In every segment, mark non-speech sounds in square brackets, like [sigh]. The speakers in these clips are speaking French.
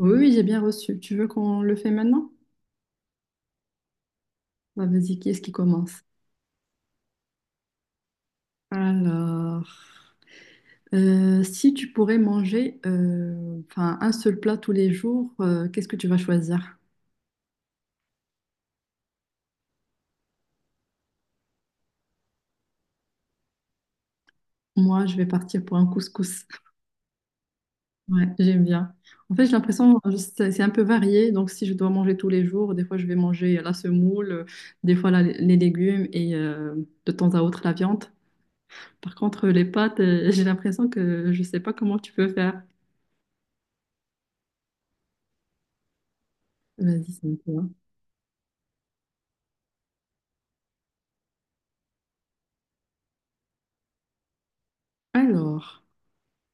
Oui, oui, j'ai bien reçu. Tu veux qu'on le fait maintenant? Bah, vas-y, qui est-ce qui commence? Alors, si tu pourrais manger enfin, un seul plat tous les jours, qu'est-ce que tu vas choisir? Moi, je vais partir pour un couscous. Ouais, j'aime bien. En fait, j'ai l'impression c'est un peu varié. Donc, si je dois manger tous les jours, des fois, je vais manger la semoule, des fois, les légumes et de temps à autre, la viande. Par contre, les pâtes, [laughs] j'ai l'impression que je ne sais pas comment tu peux faire. Vas-y, c'est toi. Alors.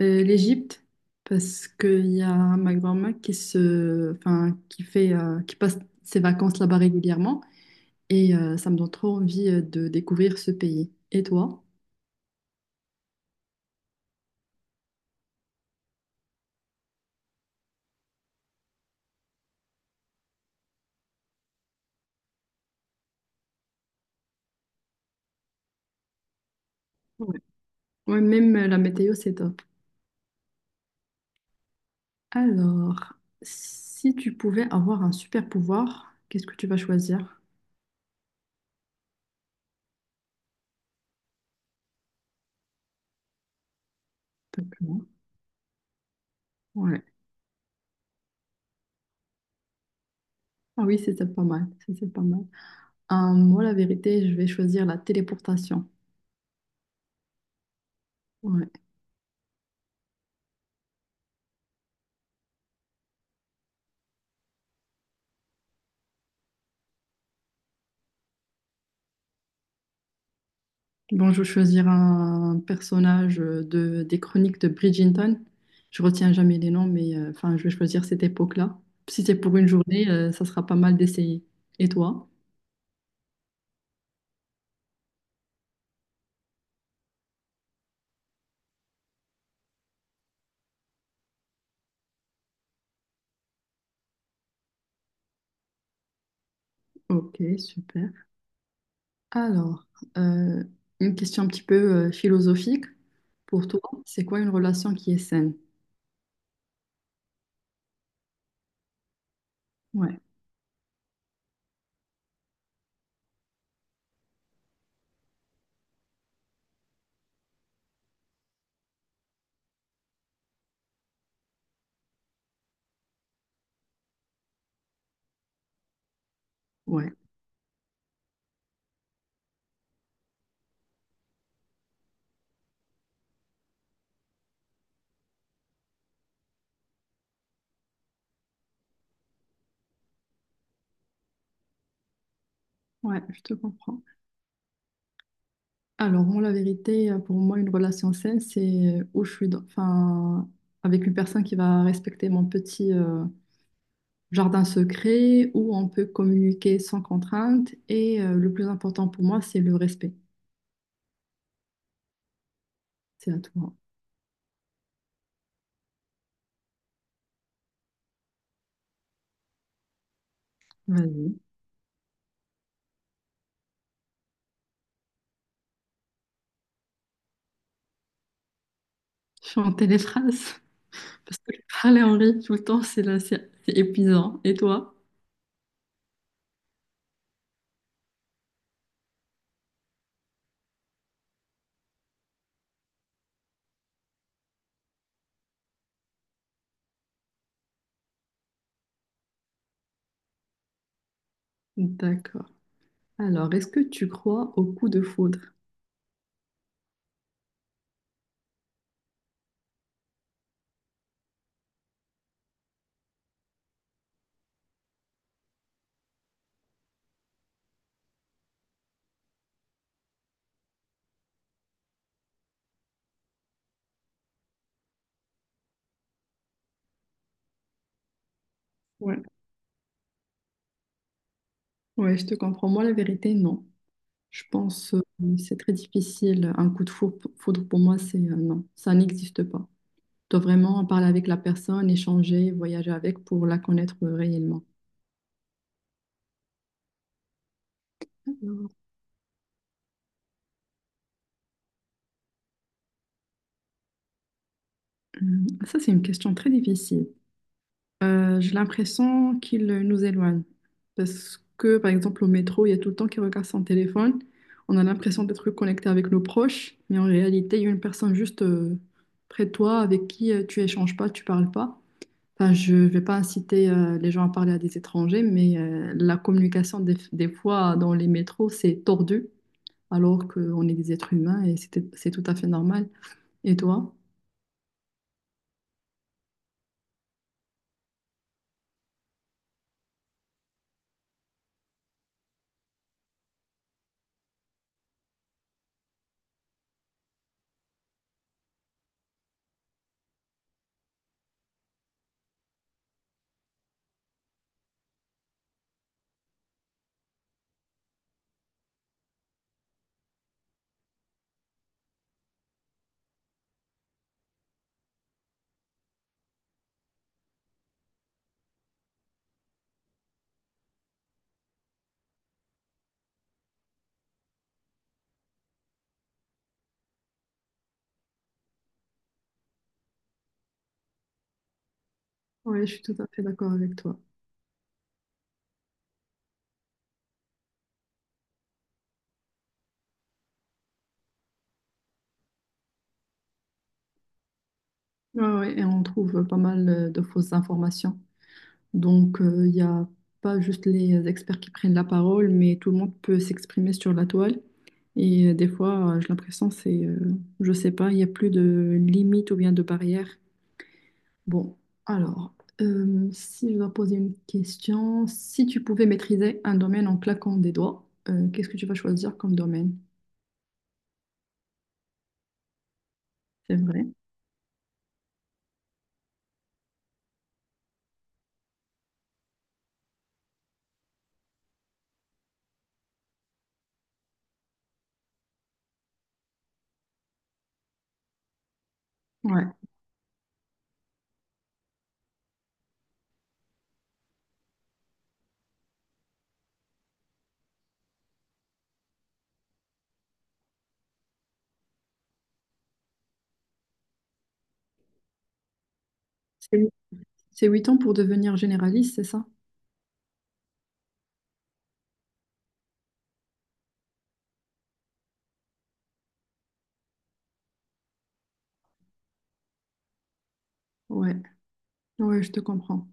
L'Égypte, parce qu'il y a ma grand-mère enfin, qui fait, qui passe ses vacances là-bas régulièrement et ça me donne trop envie de découvrir ce pays. Et toi? Ouais. Ouais, même la météo, c'est top. Alors, si tu pouvais avoir un super pouvoir, qu'est-ce que tu vas choisir? D'accord. Ouais. Ah oui, c'était pas mal. C'était pas mal. Moi, la vérité, je vais choisir la téléportation. Ouais. Bon, je vais choisir un personnage des chroniques de Bridgerton. Je retiens jamais les noms, mais enfin, je vais choisir cette époque-là. Si c'est pour une journée, ça sera pas mal d'essayer. Et toi? Ok, super. Alors, euh, une question un petit peu philosophique. Pour toi, c'est quoi une relation qui est saine? Ouais, ouais, ouais, je te comprends. Alors, moi, la vérité, pour moi, une relation saine, c'est où enfin, avec une personne qui va respecter mon petit, jardin secret où on peut communiquer sans contrainte. Et le plus important pour moi, c'est le respect. C'est à toi. Vas-y. Chanter les phrases. [laughs] Parce que parler en rythme tout le temps, c'est là, c'est épuisant. Et toi? D'accord. Alors, est-ce que tu crois au coup de foudre? Ouais. Ouais, je te comprends. Moi, la vérité, non. Je pense c'est très difficile. Un foudre, pour moi, c'est non. Ça n'existe pas. Tu dois vraiment parler avec la personne, échanger, voyager avec pour la connaître réellement. Hmm, ça, c'est une question très difficile. J'ai l'impression qu'il nous éloigne. Parce que, par exemple, au métro, il y a tout le temps qui regarde son téléphone. On a l'impression d'être connecté avec nos proches, mais en réalité, il y a une personne juste près de toi avec qui tu échanges pas, tu parles pas. Enfin, je vais pas inciter les gens à parler à des étrangers, mais la communication des fois dans les métros, c'est tordu, alors qu'on est des êtres humains et c'est tout à fait normal. Et toi? Oui, je suis tout à fait d'accord avec toi. Ouais, ouais, et on trouve pas mal de fausses informations. Donc, il n'y a pas juste les experts qui prennent la parole, mais tout le monde peut s'exprimer sur la toile. Et j'ai l'impression, je sais pas, il n'y a plus de limite ou bien de barrière. Bon, alors, si je dois poser une question, si tu pouvais maîtriser un domaine en claquant des doigts, qu'est-ce que tu vas choisir comme domaine? C'est vrai. Ouais. C'est c'est 8 ans pour devenir généraliste, c'est ça? Ouais. Ouais, je te comprends.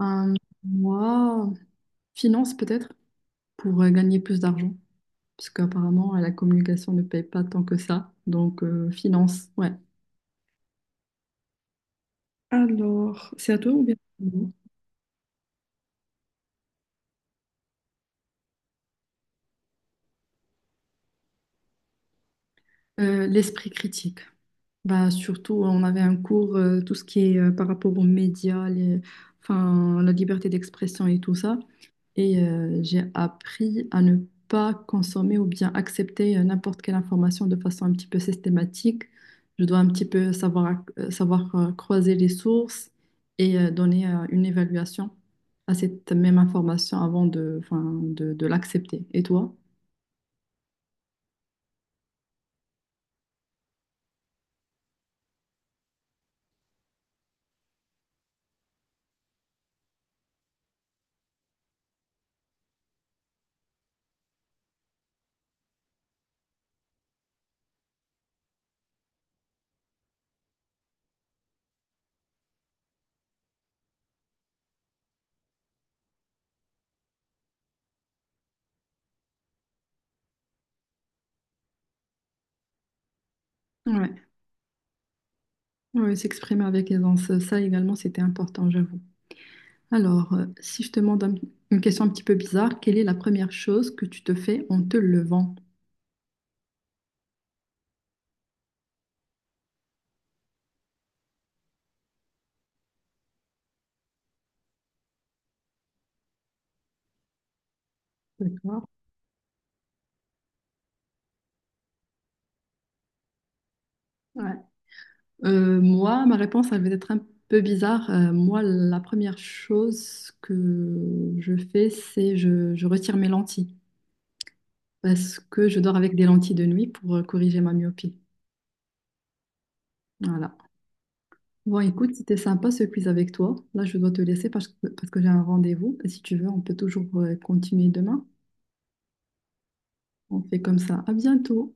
Euh, Moi, finance peut-être, pour gagner plus d'argent. Parce qu'apparemment, la communication ne paye pas tant que ça. Donc, finance, ouais. Alors, c'est à toi ou bien? L'esprit critique. Bah, surtout, on avait un cours, tout ce qui est par rapport aux médias, enfin, la liberté d'expression et tout ça. Et j'ai appris à ne pas consommer ou bien accepter n'importe quelle information de façon un petit peu systématique. Je dois un petit peu savoir, savoir croiser les sources et donner une évaluation à cette même information avant enfin, de l'accepter. Et toi? Ouais, ouais, s'exprimer avec aisance, ça également c'était important, j'avoue. Alors, si je te demande une question un petit peu bizarre, quelle est la première chose que tu te fais en te levant? D'accord. Ouais. Moi, ma réponse, elle va être un peu bizarre. Moi, la première chose que je fais, c'est je retire mes lentilles parce que je dors avec des lentilles de nuit pour corriger ma myopie. Voilà. Bon, écoute, c'était sympa ce quiz avec toi. Là, je dois te laisser parce que j'ai un rendez-vous. Et si tu veux, on peut toujours continuer demain. On fait comme ça. À bientôt.